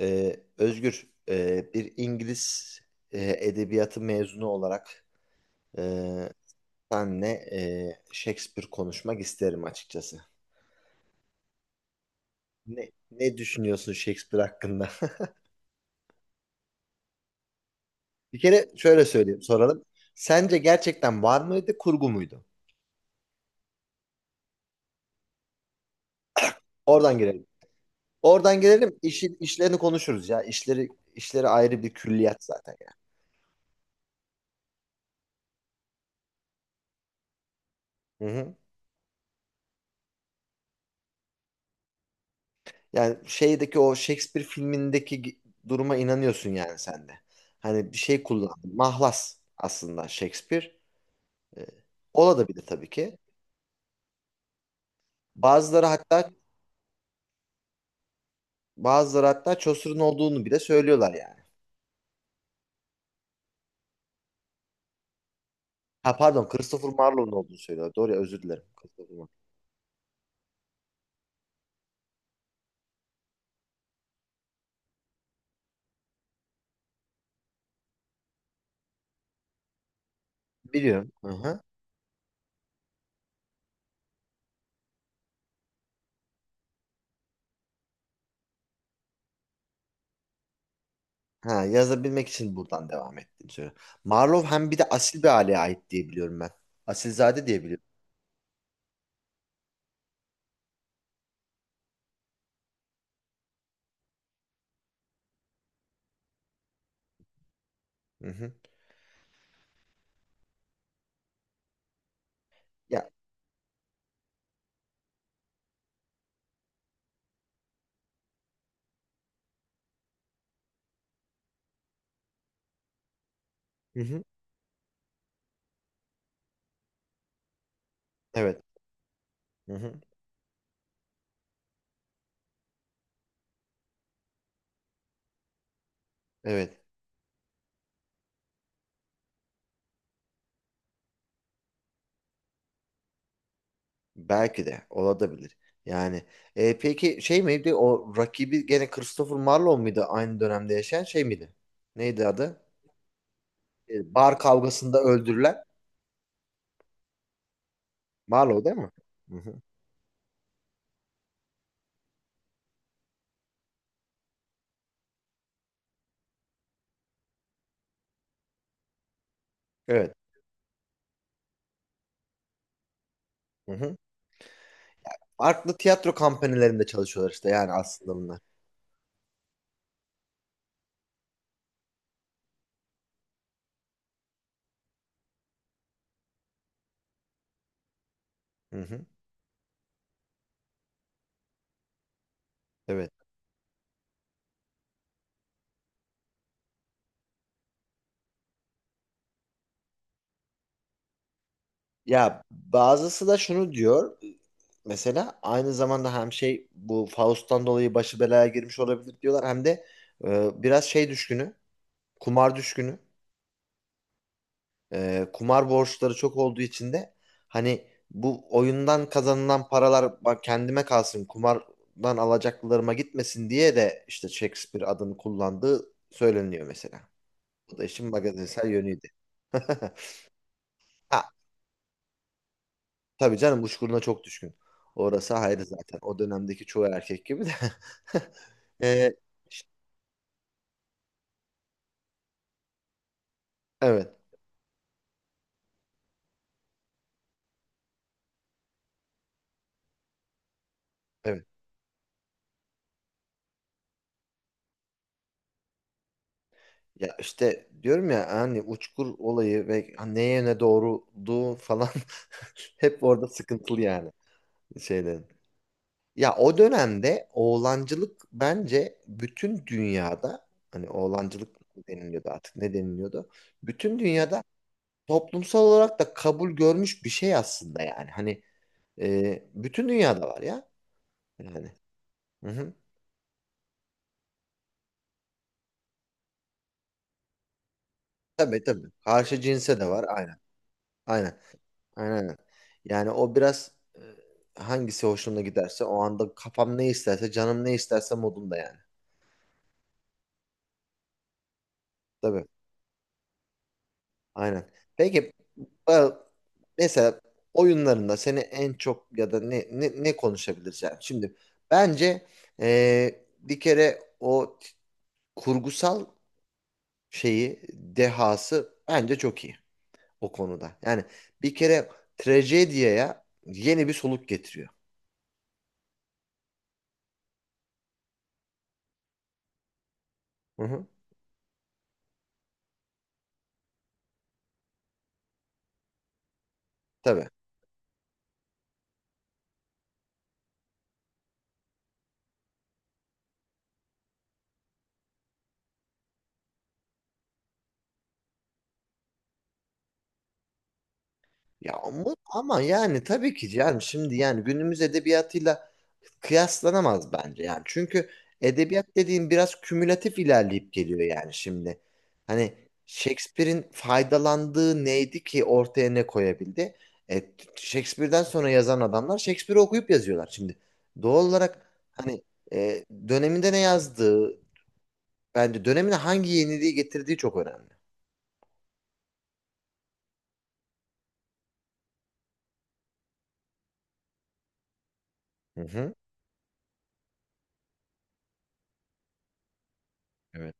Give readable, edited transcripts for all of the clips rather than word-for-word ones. Özgür, bir İngiliz e, edebiyatı mezunu olarak e, senle Shakespeare konuşmak isterim açıkçası. Ne düşünüyorsun Shakespeare hakkında? Bir kere şöyle söyleyeyim, soralım. Sence gerçekten var mıydı, kurgu muydu? Oradan girelim. Oradan girelim, işlerini konuşuruz ya. İşleri ayrı bir külliyat zaten ya. Hı hı. Yani şeydeki o Shakespeare filmindeki duruma inanıyorsun yani sen de. Hani bir şey kullandın. Mahlas aslında Shakespeare. Ee, ola da bir de tabii ki. Bazıları hatta bazıları hatta Chaucer'ın olduğunu bile söylüyorlar yani. Ha pardon Christopher Marlowe'un olduğunu söylüyorlar. Doğru ya özür dilerim. Christopher Marlowe. Biliyorum. Hı hı. Ha, yazabilmek için buradan devam ettiğini söylüyor. Marlowe hem bir de asil bir aileye ait diye biliyorum ben. Asilzade diye biliyorum. Hı hı. Ya. Hı hı. Evet. Hı hı. Evet. Belki de olabilir. Yani peki şey miydi o rakibi gene Christopher Marlowe muydu aynı dönemde yaşayan şey miydi? Neydi adı? Bar kavgasında öldürülen Marlowe değil mi? Hı-hı. Evet. Hı-hı. Farklı tiyatro kampanyalarında çalışıyorlar işte yani aslında bunlar. Hı-hı. Evet. Ya bazısı da şunu diyor mesela aynı zamanda hem şey bu Faust'tan dolayı başı belaya girmiş olabilir diyorlar hem de biraz şey düşkünü kumar düşkünü. Kumar borçları çok olduğu için de hani bu oyundan kazanılan paralar bak kendime kalsın kumardan alacaklarıma gitmesin diye de işte Shakespeare adını kullandığı söyleniyor mesela. Bu da işin magazinsel yönüydü. Ha, tabii canım uçkuruna çok düşkün. Orası ayrı zaten. O dönemdeki çoğu erkek gibi de. Ee, işte, evet. Evet. Ya işte diyorum ya hani uçkur olayı ve neye ne doğruluğu falan hep orada sıkıntılı yani şeylerin. Ya o dönemde oğlancılık bence bütün dünyada hani oğlancılık mı deniliyordu artık ne deniliyordu? Bütün dünyada toplumsal olarak da kabul görmüş bir şey aslında yani. Hani bütün dünyada var ya yani. Hı hı. Tabii tabii. Karşı cinse de var aynen. Aynen. Aynen. Yani o biraz hangisi hoşuna giderse o anda kafam ne isterse canım ne isterse modumda yani. Tabii. Aynen. Peki e, mesela oyunlarında seni en çok ya da ne konuşabiliriz yani? Şimdi bence bir kere kurgusal şeyi dehası bence çok iyi o konuda. Yani bir kere trajediyaya yeni bir soluk getiriyor. Hı hı. Tabii. Ama yani tabii ki yani şimdi yani günümüz edebiyatıyla kıyaslanamaz bence yani. Çünkü edebiyat dediğin biraz kümülatif ilerleyip geliyor yani şimdi. Hani Shakespeare'in faydalandığı neydi ki ortaya ne koyabildi? E, Shakespeare'den sonra yazan adamlar Shakespeare'i okuyup yazıyorlar şimdi. Doğal olarak hani döneminde ne yazdığı bence dönemine hangi yeniliği getirdiği çok önemli. Hı hı. Evet.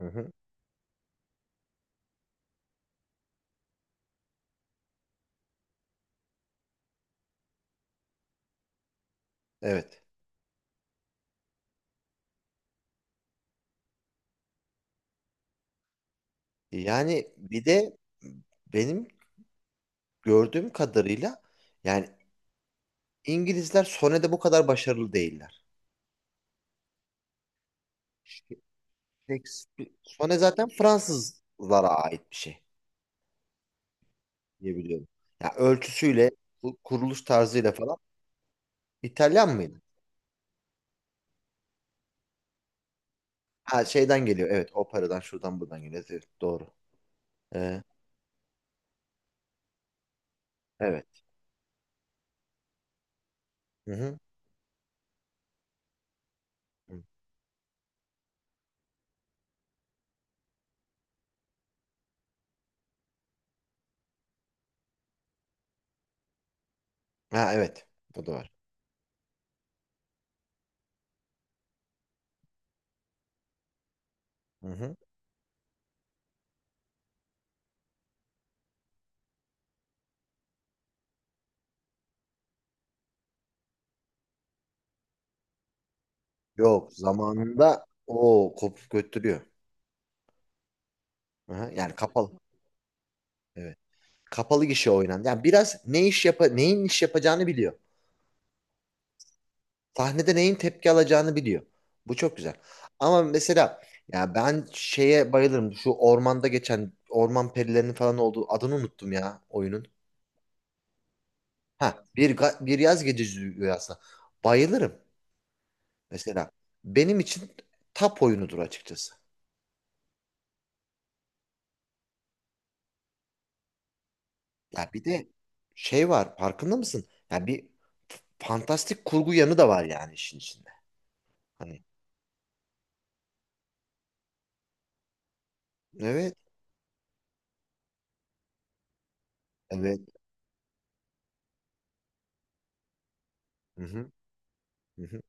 Hı hı. Evet. Yani bir de benim gördüğüm kadarıyla yani İngilizler Sone'de bu kadar başarılı değiller. Sone zaten Fransızlara ait bir şey diye biliyorum. Ya ölçüsüyle, bu kuruluş tarzıyla falan İtalyan mıydı? Ha şeyden geliyor. Evet, operadan şuradan buradan geliyor. Evet, doğru. Ee, evet. Hı hı. Hı. Ha evet. Bu da var. Hı hı. Yok, zamanında o kopup götürüyor. Hı hı. Yani kapalı. Evet. Kapalı gişe oynandı. Yani biraz ne iş yapa neyin iş yapacağını biliyor. Sahnede neyin tepki alacağını biliyor. Bu çok güzel. Ama mesela ya ben şeye bayılırım. Şu ormanda geçen orman perilerinin falan olduğu adını unuttum ya oyunun. Ha bir yaz gecesi rüyasına. Bayılırım mesela. Benim için tap oyunudur açıkçası. Ya bir de şey var farkında mısın? Ya fantastik kurgu yanı da var yani işin içinde. Hani evet evet. Hı hı. Hı hı.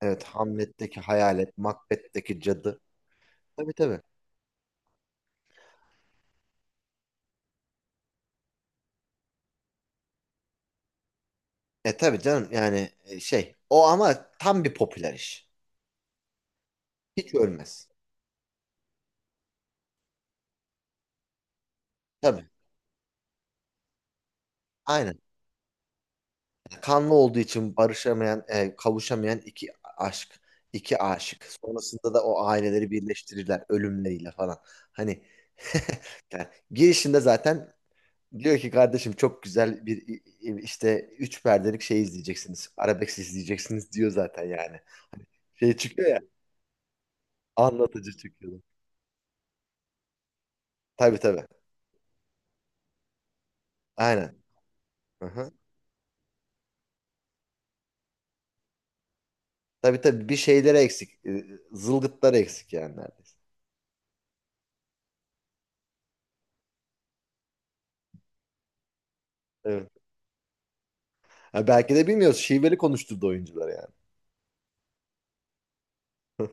Evet, Hamlet'teki hayalet, Macbeth'teki cadı. Tabii tabii. E tabii canım yani şey o ama tam bir popüler iş. Hiç ölmez. Tabii. Aynen. Kanlı olduğu için barışamayan, kavuşamayan iki aşk, iki aşık. Sonrasında da o aileleri birleştirirler ölümleriyle falan. Hani yani girişinde zaten diyor ki kardeşim çok güzel bir işte üç perdelik şey izleyeceksiniz. Arabesk izleyeceksiniz diyor zaten yani. Hani Şey çıkıyor ya. Anlatıcı çıkıyordu. Tabii tabii. Aynen. Aha. Tabii tabii bir şeyleri eksik. Zılgıtları eksik yani neredeyse. Evet. Ha, belki de bilmiyoruz. Şiveli konuşturdu oyuncuları yani.